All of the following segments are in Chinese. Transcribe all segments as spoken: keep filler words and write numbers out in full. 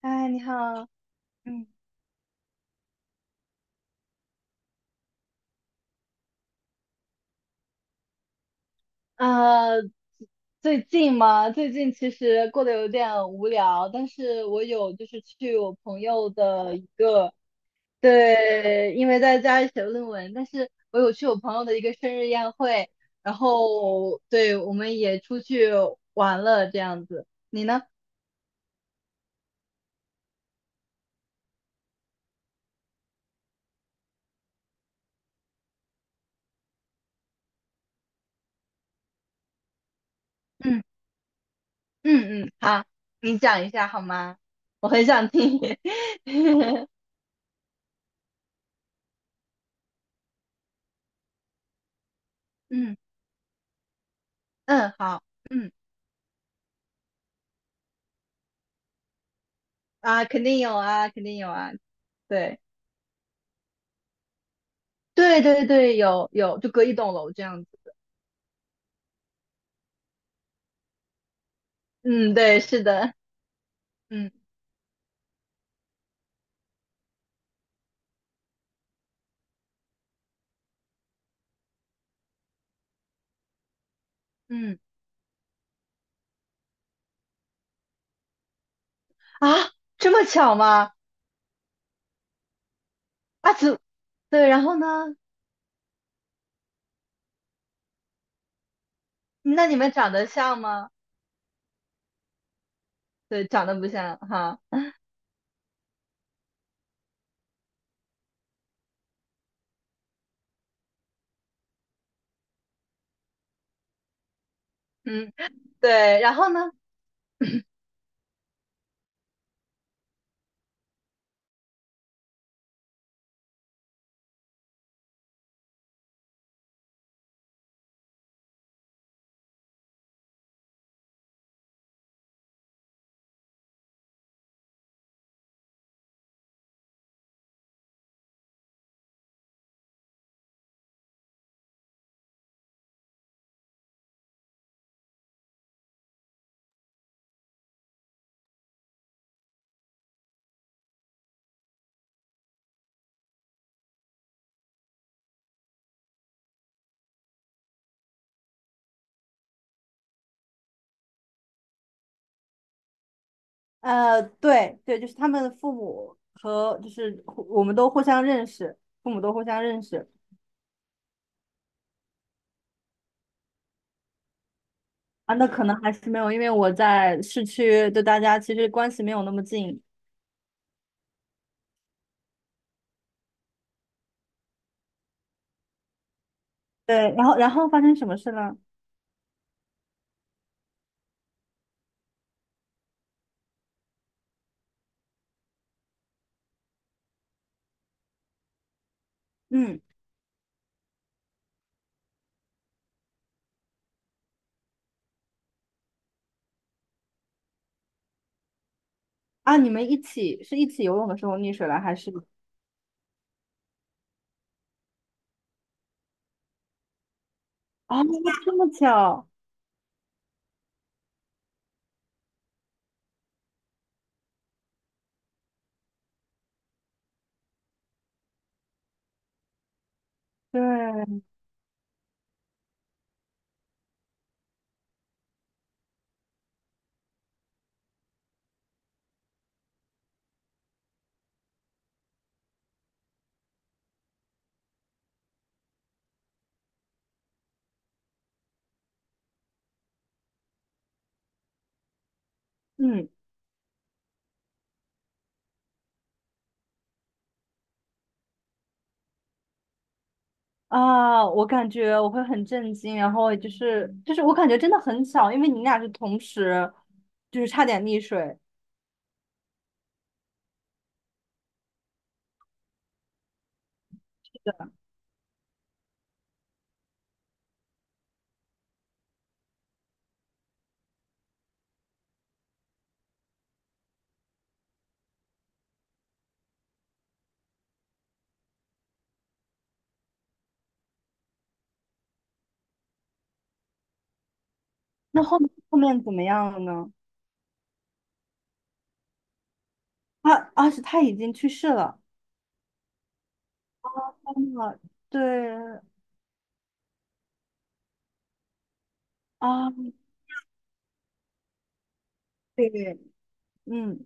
哎，你好，嗯，呃，最近嘛，最近其实过得有点无聊，但是我有就是去我朋友的一个，对，因为在家里写论文，但是我有去我朋友的一个生日宴会，然后对，我们也出去玩了这样子。你呢？嗯嗯嗯，好，你讲一下好吗？我很想听。嗯嗯，好，嗯。啊，肯定有啊，肯定有啊，对，对对对，有有，就隔一栋楼这样子。嗯，对，是的，嗯嗯，啊，这么巧吗？啊，怎，对，然后呢？那你们长得像吗？对，长得不像哈，嗯，对，然后呢？呃，对对，就是他们的父母和就是互我们都互相认识，父母都互相认识啊。那可能还是没有，因为我在市区，对大家其实关系没有那么近。对，然后然后发生什么事了？嗯，啊，你们一起是一起游泳的时候溺水了，还是？啊这么巧，对，嗯啊，我感觉我会很震惊，然后就是就是我感觉真的很巧，因为你俩是同时，就是差点溺水。那后面后面怎么样了呢？他啊，是他已经去世了。啊，对啊，对，嗯，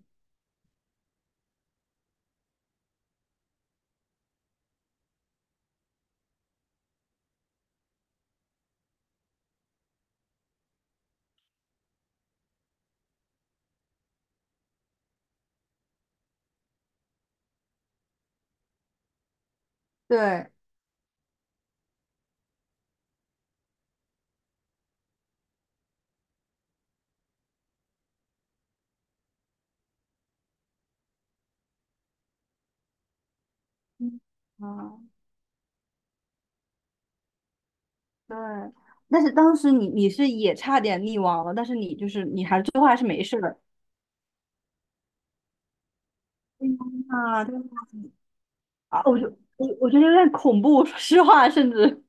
对，嗯啊。对，但是当时你你是也差点溺亡了，但是你就是你还最后还是没事的。天呐，对啊，我就我我觉得有点恐怖，说实话，甚至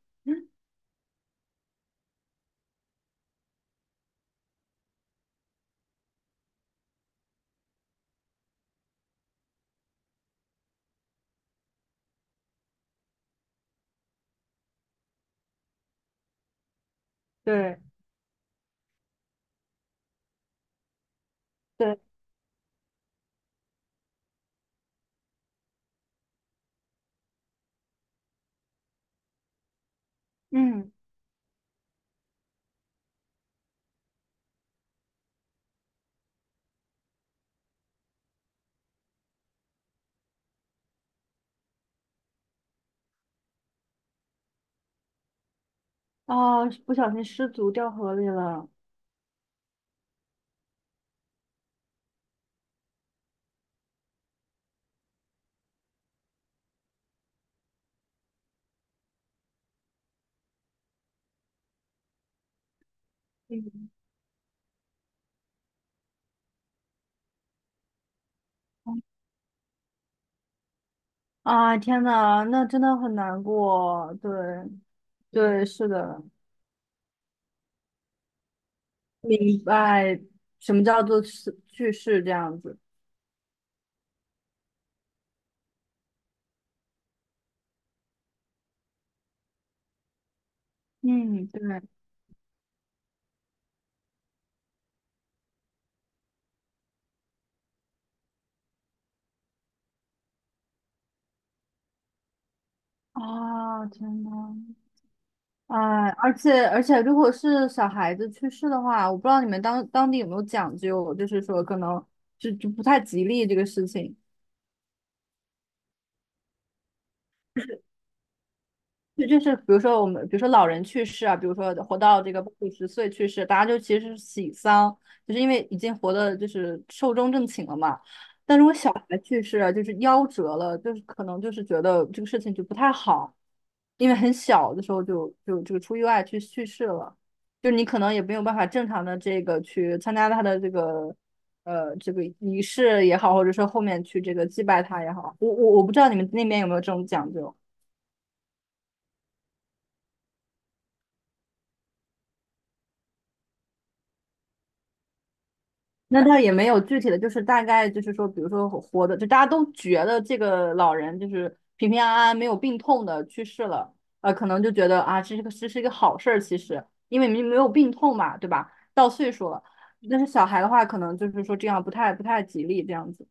对对，嗯，哦，不小心失足掉河里了。嗯啊，天呐，那真的很难过。对对，是的，明白什么叫做是去世这样子。嗯，对。啊，天呐。哎，而且而且，如果是小孩子去世的话，我不知道你们当当地有没有讲究，就是说可能就就不太吉利这个事情。对，就是比如说我们，比如说老人去世啊，比如说活到这个八九十岁去世，大家就其实是喜丧，就是因为已经活的就是寿终正寝了嘛。但如果小孩去世啊，就是夭折了，就是可能就是觉得这个事情就不太好，因为很小的时候就就就出意外去去世了，就是你可能也没有办法正常的这个去参加他的这个呃这个仪式也好，或者说后面去这个祭拜他也好，我我我不知道你们那边有没有这种讲究。那倒也没有具体的，就是大概就是说，比如说活的，就大家都觉得这个老人就是平平安安、没有病痛的去世了，呃，可能就觉得啊，这是个这是一个好事儿，其实因为没没有病痛嘛，对吧？到岁数了，但是小孩的话，可能就是说这样不太不太吉利这样子。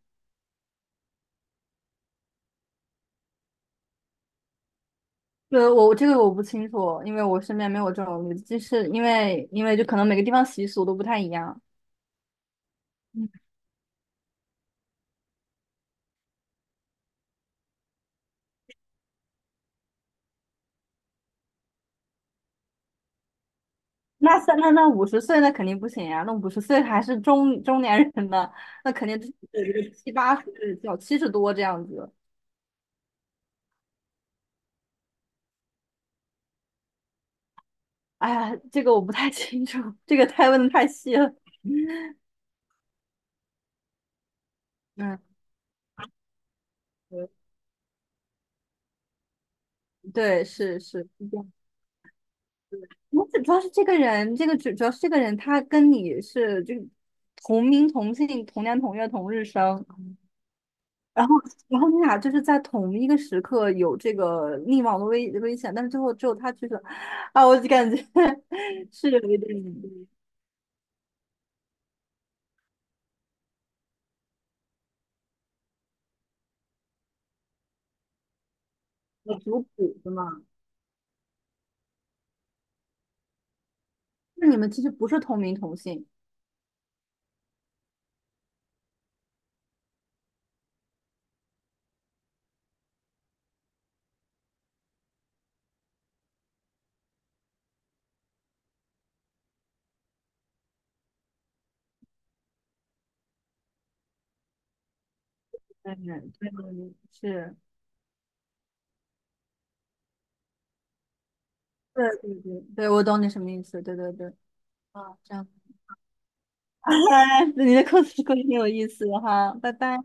呃，我这个我不清楚，因为我身边没有这种例子就是因为因为就可能每个地方习俗都不太一样。那三那那五十岁那肯定不行呀、那五十岁还是中中年人呢，那肯定是个七八十叫七十多这样子。哎呀，这个我不太清楚，这个太问的太细了。嗯，对，是是是这样。我主主要是这个人，这个主主要是这个人，他跟你是就同名同姓、同年同月同日生，然后，然后你俩就是在同一个时刻有这个溺亡的危危险，但是最后只有他去了，啊，我就感觉 是有一点有族谱的嘛。那你们其实不是同名同姓，对对，对是，对对对，对我懂你什么意思，对对对，啊，这样，那你的故事故事挺有意思的哈，拜拜。